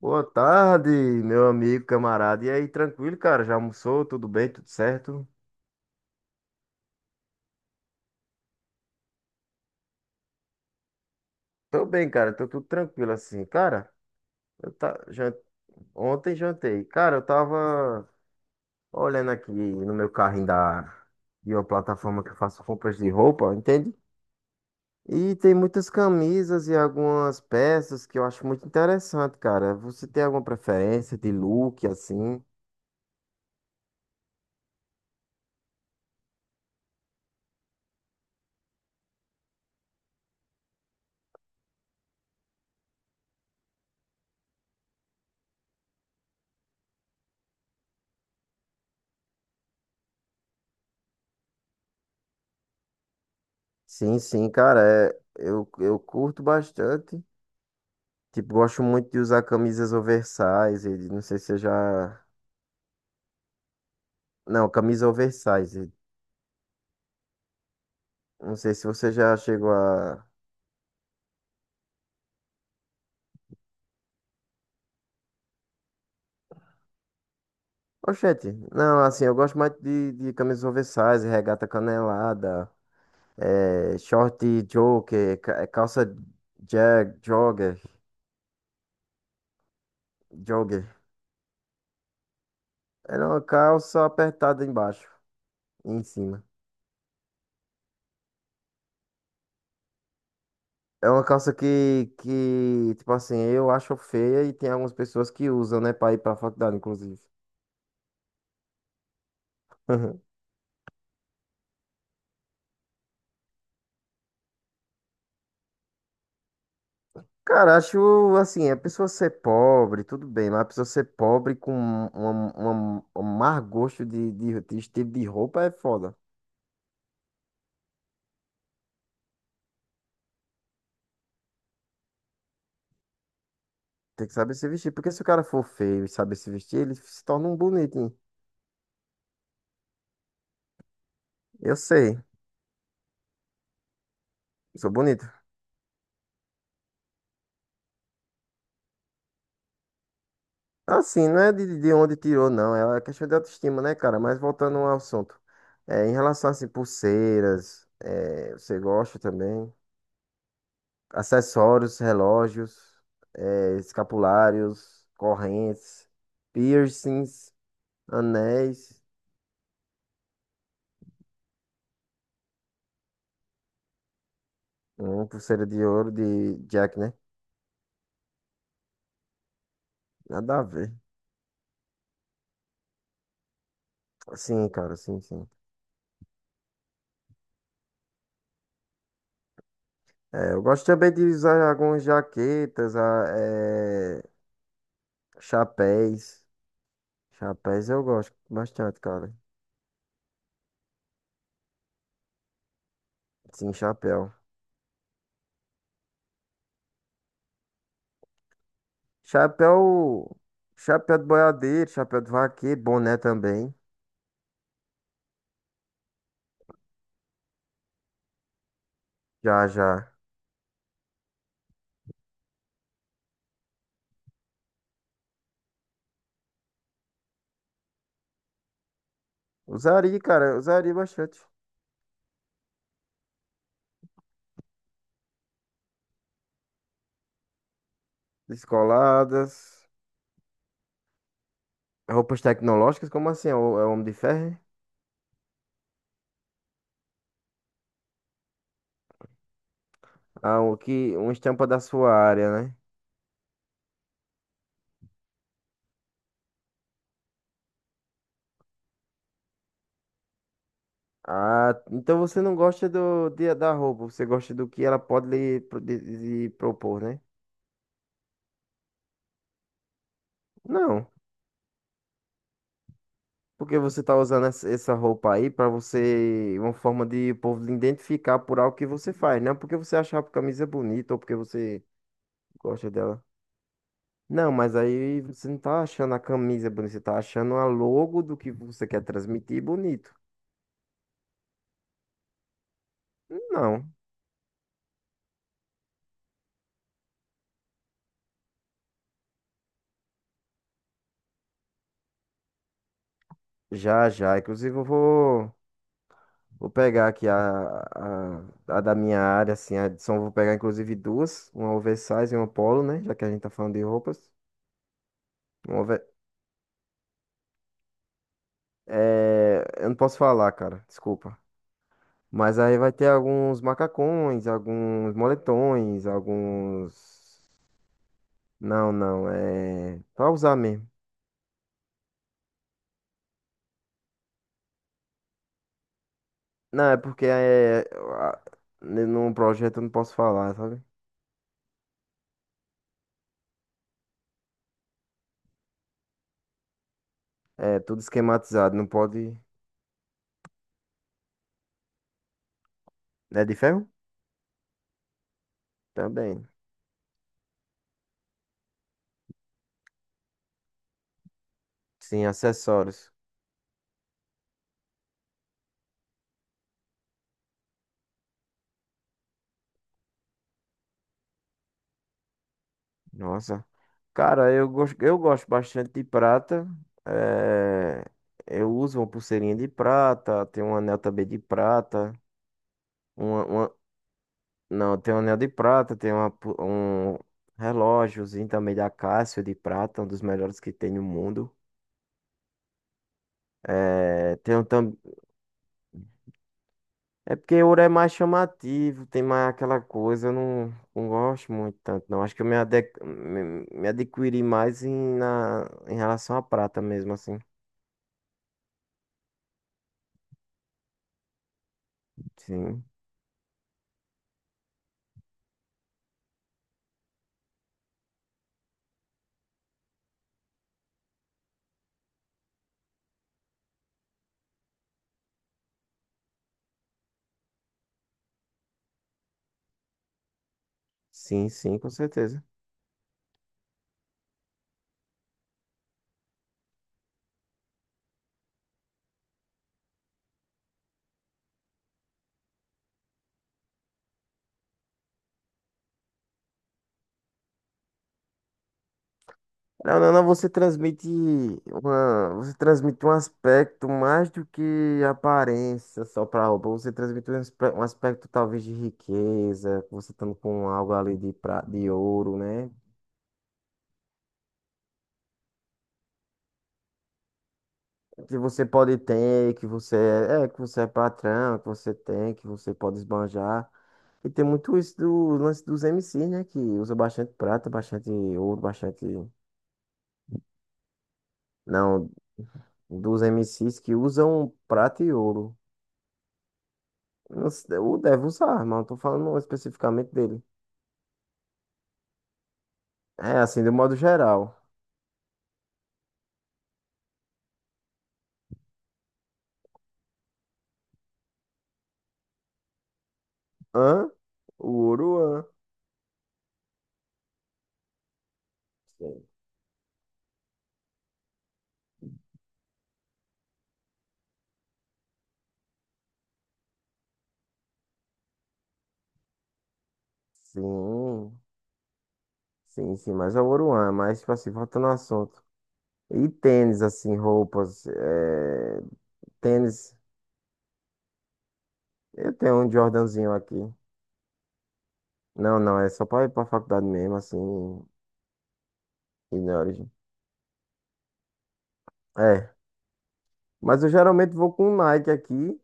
Boa tarde, meu amigo, camarada. E aí, tranquilo, cara? Já almoçou? Tudo bem? Tudo certo? Tô bem, cara. Tô tudo tranquilo assim. Cara, eu tá... jan- ontem jantei. Cara, eu tava olhando aqui no meu carrinho da... de uma plataforma que eu faço compras de roupa, entende? E tem muitas camisas e algumas peças que eu acho muito interessante, cara. Você tem alguma preferência de look assim? Sim, cara. Eu curto bastante. Tipo, gosto muito de usar camisas oversize. Não sei se você já. Não, camisa oversize. Não sei se você já chegou a. Oxente, não, assim, eu gosto mais de camisas oversize, regata canelada, é, short joker, é, jogger, jogger. É uma calça apertada embaixo e em cima. É uma calça que, tipo assim, eu acho feia e tem algumas pessoas que usam, né, pra ir pra faculdade, inclusive. Cara, acho assim, a pessoa ser pobre, tudo bem, mas a pessoa ser pobre com um má gosto de estilo de roupa é foda. Tem que saber se vestir, porque se o cara for feio e saber se vestir, ele se torna um bonitinho. Eu sei, sou bonito. Assim, não é de onde tirou, não, é uma questão de autoestima, né, cara? Mas voltando ao assunto, é, em relação, assim, pulseiras, é, você gosta também? Acessórios, relógios, escapulários, correntes, piercings, anéis, pulseira de ouro de Jack, né? Nada a ver. Sim, cara, sim. É, eu gosto também de usar algumas jaquetas, é, chapéus. Chapéus eu gosto bastante, cara. Sim, chapéu. Chapéu, chapéu de boiadeiro, chapéu de vaqueiro, boné também. Já, já. Usaria, cara, usaria bastante. Descoladas. Roupas tecnológicas? Como assim? É o Homem de Ferro? Ah, o que, uma estampa da sua área, né? Ah, então você não gosta da roupa, você gosta do que ela pode lhe, lhe propor, né? Não. Porque você tá usando essa roupa aí pra você, uma forma de o povo lhe identificar por algo que você faz, não porque você acha a camisa bonita ou porque você gosta dela. Não, mas aí você não tá achando a camisa bonita, você tá achando a logo do que você quer transmitir bonito. Não. Já, já. Inclusive, vou pegar aqui a da minha área, assim, a de som. Vou pegar, inclusive, duas. Uma oversize e uma polo, né? Já que a gente tá falando de roupas. Uma over... é, eu não posso falar, cara. Desculpa. Mas aí vai ter alguns macacões, alguns moletões, alguns... Não. É... Pra usar mesmo. Não, é porque num projeto eu não posso falar, sabe? É tudo esquematizado. Não pode... É de ferro? Também. Sim, acessórios. Nossa. Cara, eu gosto bastante de prata. É, eu uso uma pulseirinha de prata, tem um anel também de prata. Uma, uma- não, tem um anel de prata, tem um relógiozinho também da Casio de prata, um dos melhores que tem no mundo. É, tenho. É porque ouro é mais chamativo, tem mais aquela coisa, eu não gosto muito tanto, não. Acho que eu me, ade me, me adquiri mais em relação à prata mesmo, assim. Sim, sim, com certeza. Não, você transmite você transmite um aspecto mais do que aparência só pra roupa. Você transmite um, um aspecto talvez de riqueza, você estando com algo ali de ouro, né? Que você pode ter, que você é patrão, que você tem, que você pode esbanjar. E tem muito isso do lance dos MCs, né? Que usa bastante prata, bastante ouro, bastante. Não, dos MCs que usam prata e ouro. Não se- O deve usar, mas não tô falando especificamente dele. É, assim, do modo geral. Hã? O ouro, hã? Sim, sim, sim, mas é o ouro, hã? Mas, tipo assim, voltando ao assunto. E tênis, assim, roupas. Tênis. Eu tenho um Jordanzinho aqui. Não, é só pra ir pra faculdade mesmo, assim, e na origem. É. Mas eu geralmente vou com um Nike aqui.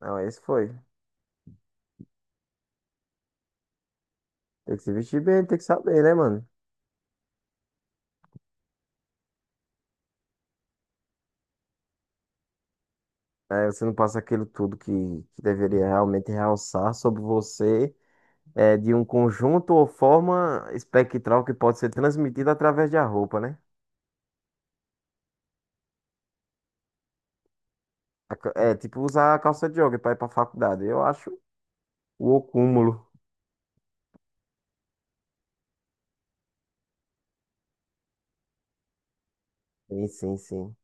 Não, esse foi. Tem que se vestir bem, tem que saber, né, mano? É, você não passa aquilo tudo que deveria realmente realçar sobre você, é, de um conjunto ou forma espectral que pode ser transmitida através da roupa, né? É, tipo usar a calça de jogo pra ir pra faculdade. Eu acho o cúmulo. Sim.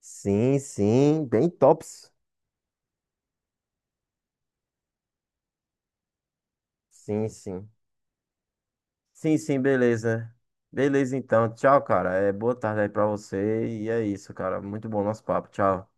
Sim, bem tops. Sim, sim. Sim, beleza. Beleza, então. Tchau, cara. É boa tarde aí pra você. E é isso, cara. Muito bom nosso papo. Tchau.